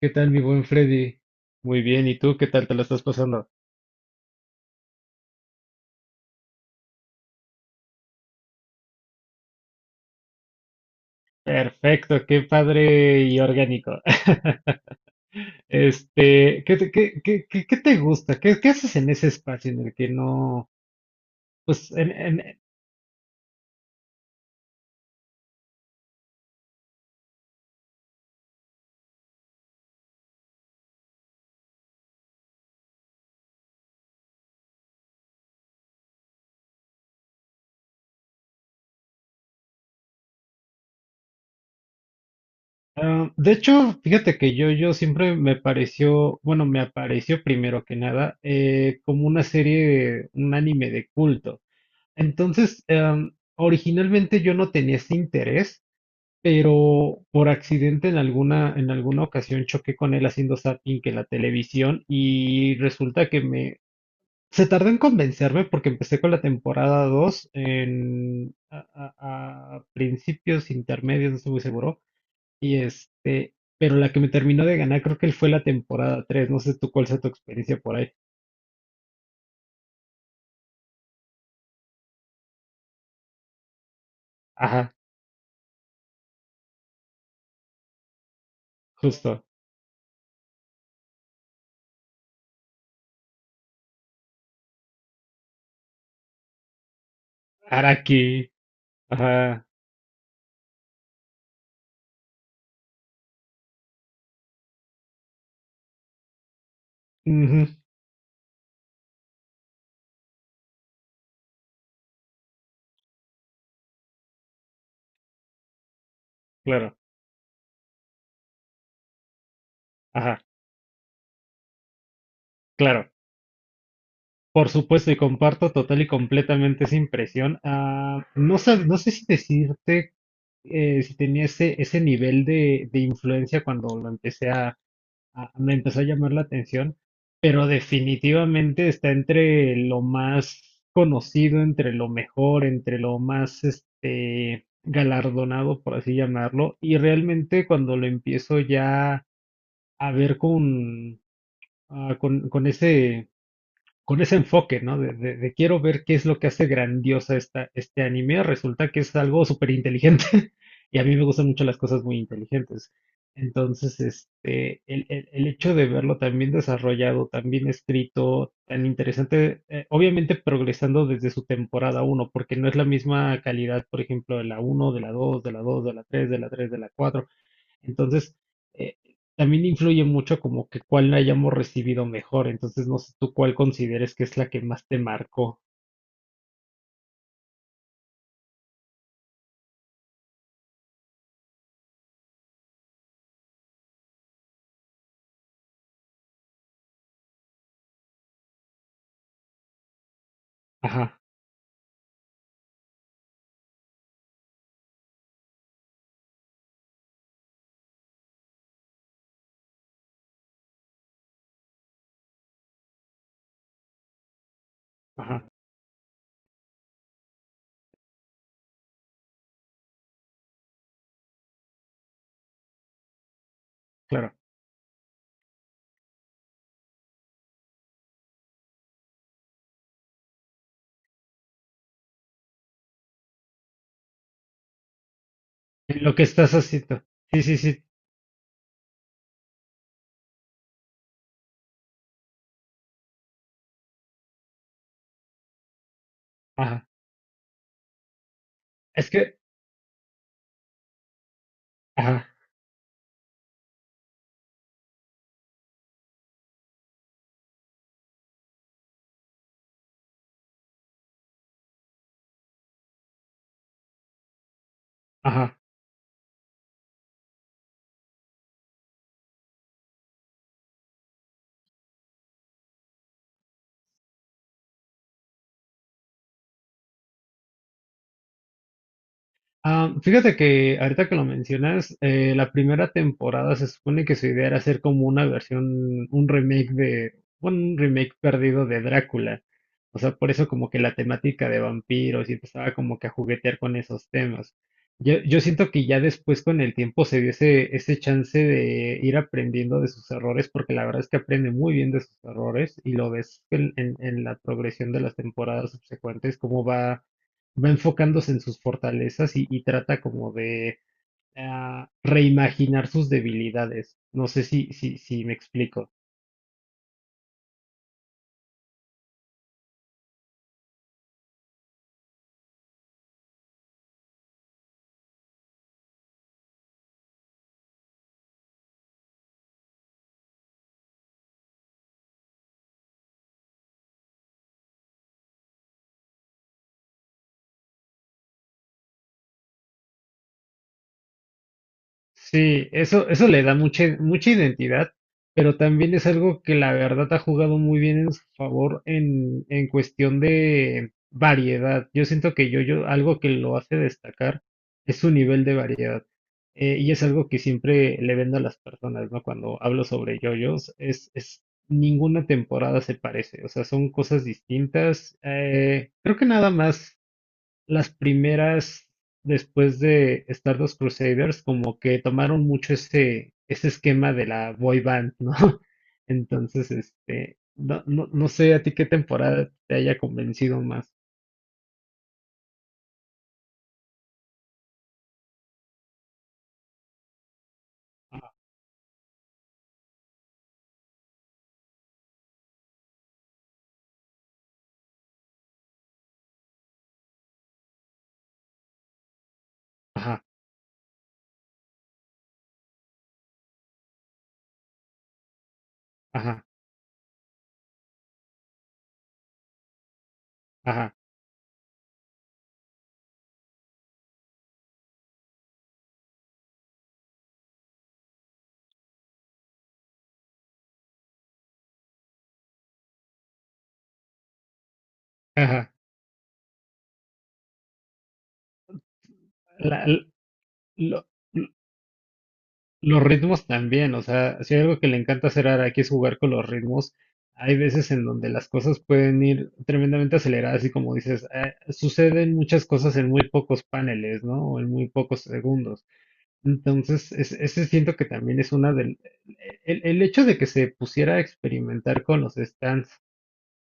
¿Qué tal, mi buen Freddy? Muy bien, ¿y tú qué tal te lo estás pasando? Perfecto, qué padre y orgánico. Este, ¿qué te gusta? ¿Qué haces en ese espacio en el que no? Pues, ah, de hecho, fíjate que yo siempre me pareció, bueno, me apareció primero que nada, como una serie, un anime de culto. Entonces, originalmente yo no tenía ese interés. Pero por accidente en alguna ocasión choqué con él haciendo zapping en la televisión Se tardó en convencerme porque empecé con la temporada 2 a principios intermedios, no estoy muy seguro, pero la que me terminó de ganar creo que él fue la temporada tres. No sé tú cuál sea tu experiencia por ahí. Ajá, justo. Araki. Ajá. Ujú, claro. Ajá, claro. Por supuesto, y comparto total y completamente esa impresión. Ah, no sé si decirte si tenía ese nivel de influencia cuando lo empecé me empezó a llamar la atención, pero definitivamente está entre lo más conocido, entre lo mejor, entre lo más galardonado, por así llamarlo, y realmente cuando lo empiezo ya a ver con, ah, con ese enfoque, ¿no? De quiero ver qué es lo que hace grandiosa este anime. Resulta que es algo súper inteligente y a mí me gustan mucho las cosas muy inteligentes. Entonces, el hecho de verlo tan bien desarrollado, tan bien escrito, tan interesante, obviamente progresando desde su temporada uno, porque no es la misma calidad, por ejemplo, de la uno, de la dos, de la tres, de la 4. Entonces, eh, también influye mucho como que cuál la hayamos recibido mejor. Entonces, no sé tú cuál consideres que es la que más te marcó. Ajá, ajá, claro. En lo que estás haciendo. Sí, sí, sí. Ajá. Es que, ajá, ajá. Ah, fíjate que ahorita que lo mencionas, la primera temporada se supone que su idea era hacer como una versión, un remake de, bueno, un remake perdido de Drácula. O sea, por eso como que la temática de vampiros y empezaba como que a juguetear con esos temas. Yo siento que ya después con el tiempo se dio ese chance de ir aprendiendo de sus errores, porque la verdad es que aprende muy bien de sus errores y lo ves en la progresión de las temporadas subsecuentes, cómo va enfocándose en sus fortalezas y trata como de reimaginar sus debilidades. No sé si me explico. Sí, eso le da mucha, mucha identidad, pero también es algo que la verdad ha jugado muy bien en su favor en cuestión de variedad. Yo siento que algo que lo hace destacar es su nivel de variedad. Y es algo que siempre le vendo a las personas, ¿no? Cuando hablo sobre JoJo's, es ninguna temporada se parece, o sea, son cosas distintas. Creo que nada más las primeras, después de Stardust Crusaders, como que tomaron mucho ese esquema de la boy band, ¿no? Entonces, no sé a ti qué temporada te haya convencido más. Ajá, ajá, ajá, ajá. La- l- lo- Los ritmos también, o sea, si hay algo que le encanta hacer a Araki es jugar con los ritmos. Hay veces en donde las cosas pueden ir tremendamente aceleradas y como dices, suceden muchas cosas en muy pocos paneles, ¿no? O en muy pocos segundos. Entonces, ese siento que también. El hecho de que se pusiera a experimentar con los stands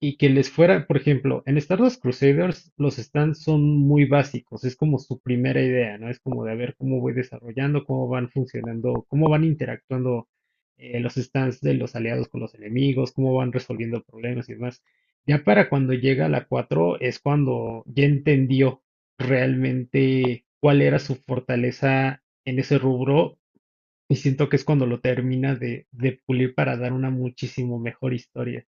y que les fuera, por ejemplo, en Star Wars Crusaders los stands son muy básicos, es como su primera idea, ¿no? Es como de a ver cómo voy desarrollando, cómo van funcionando, cómo van interactuando los stands de los aliados con los enemigos, cómo van resolviendo problemas y demás. Ya para cuando llega la 4 es cuando ya entendió realmente cuál era su fortaleza en ese rubro y siento que es cuando lo termina de pulir para dar una muchísimo mejor historia.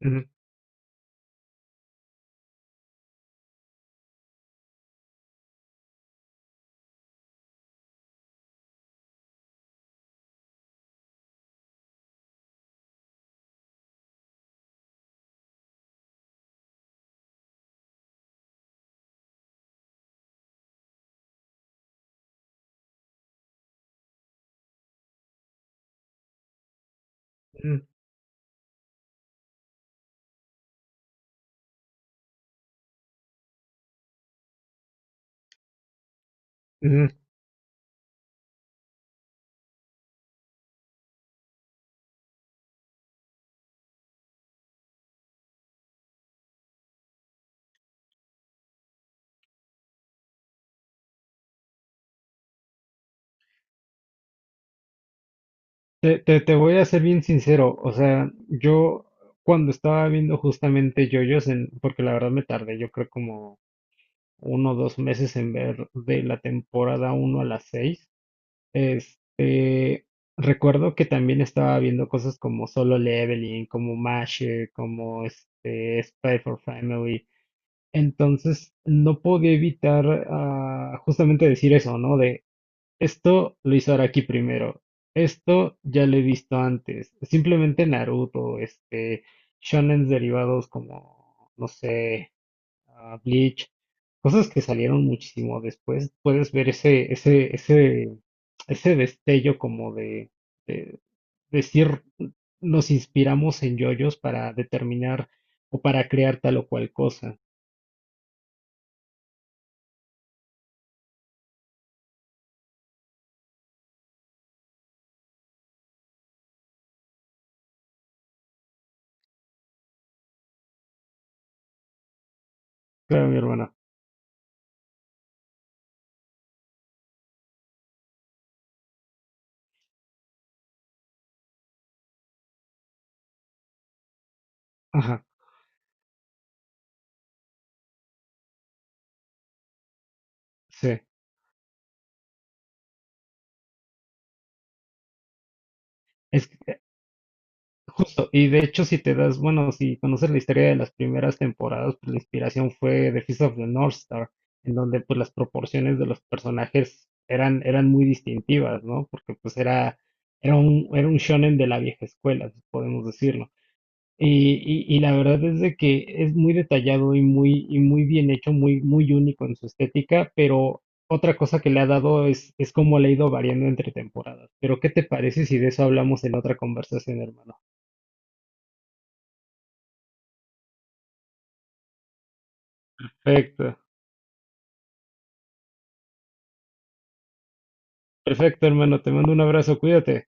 Ujú, ujú, ujú. Te voy a ser bien sincero, o sea, yo cuando estaba viendo justamente JoJo's, porque la verdad me tardé, yo creo como 1 o 2 meses en ver de la temporada uno a las seis. Este, recuerdo que también estaba viendo cosas como Solo Leveling, como Mashe, como Spy for Family, entonces no podía evitar justamente decir eso, ¿no? Esto lo hizo Araki primero. Esto ya lo he visto antes. Simplemente Naruto, shonens derivados como, no sé, Bleach, cosas que salieron muchísimo después. Puedes ver ese destello como de decir, nos inspiramos en yoyos para determinar o para crear tal o cual cosa. Claro, mi hermana. Ajá, sí. Justo, y de hecho si te das, bueno, si conoces la historia de las primeras temporadas, pues la inspiración fue The Fist of the North Star, en donde pues las proporciones de los personajes eran muy distintivas, ¿no? Porque pues era un shonen de la vieja escuela, si podemos decirlo. Y la verdad es de que es muy detallado y muy bien hecho, muy, muy único en su estética, pero otra cosa que le ha dado es cómo le ha ido variando entre temporadas. Pero ¿qué te parece si de eso hablamos en otra conversación, hermano? Perfecto, perfecto, hermano. Te mando un abrazo, cuídate.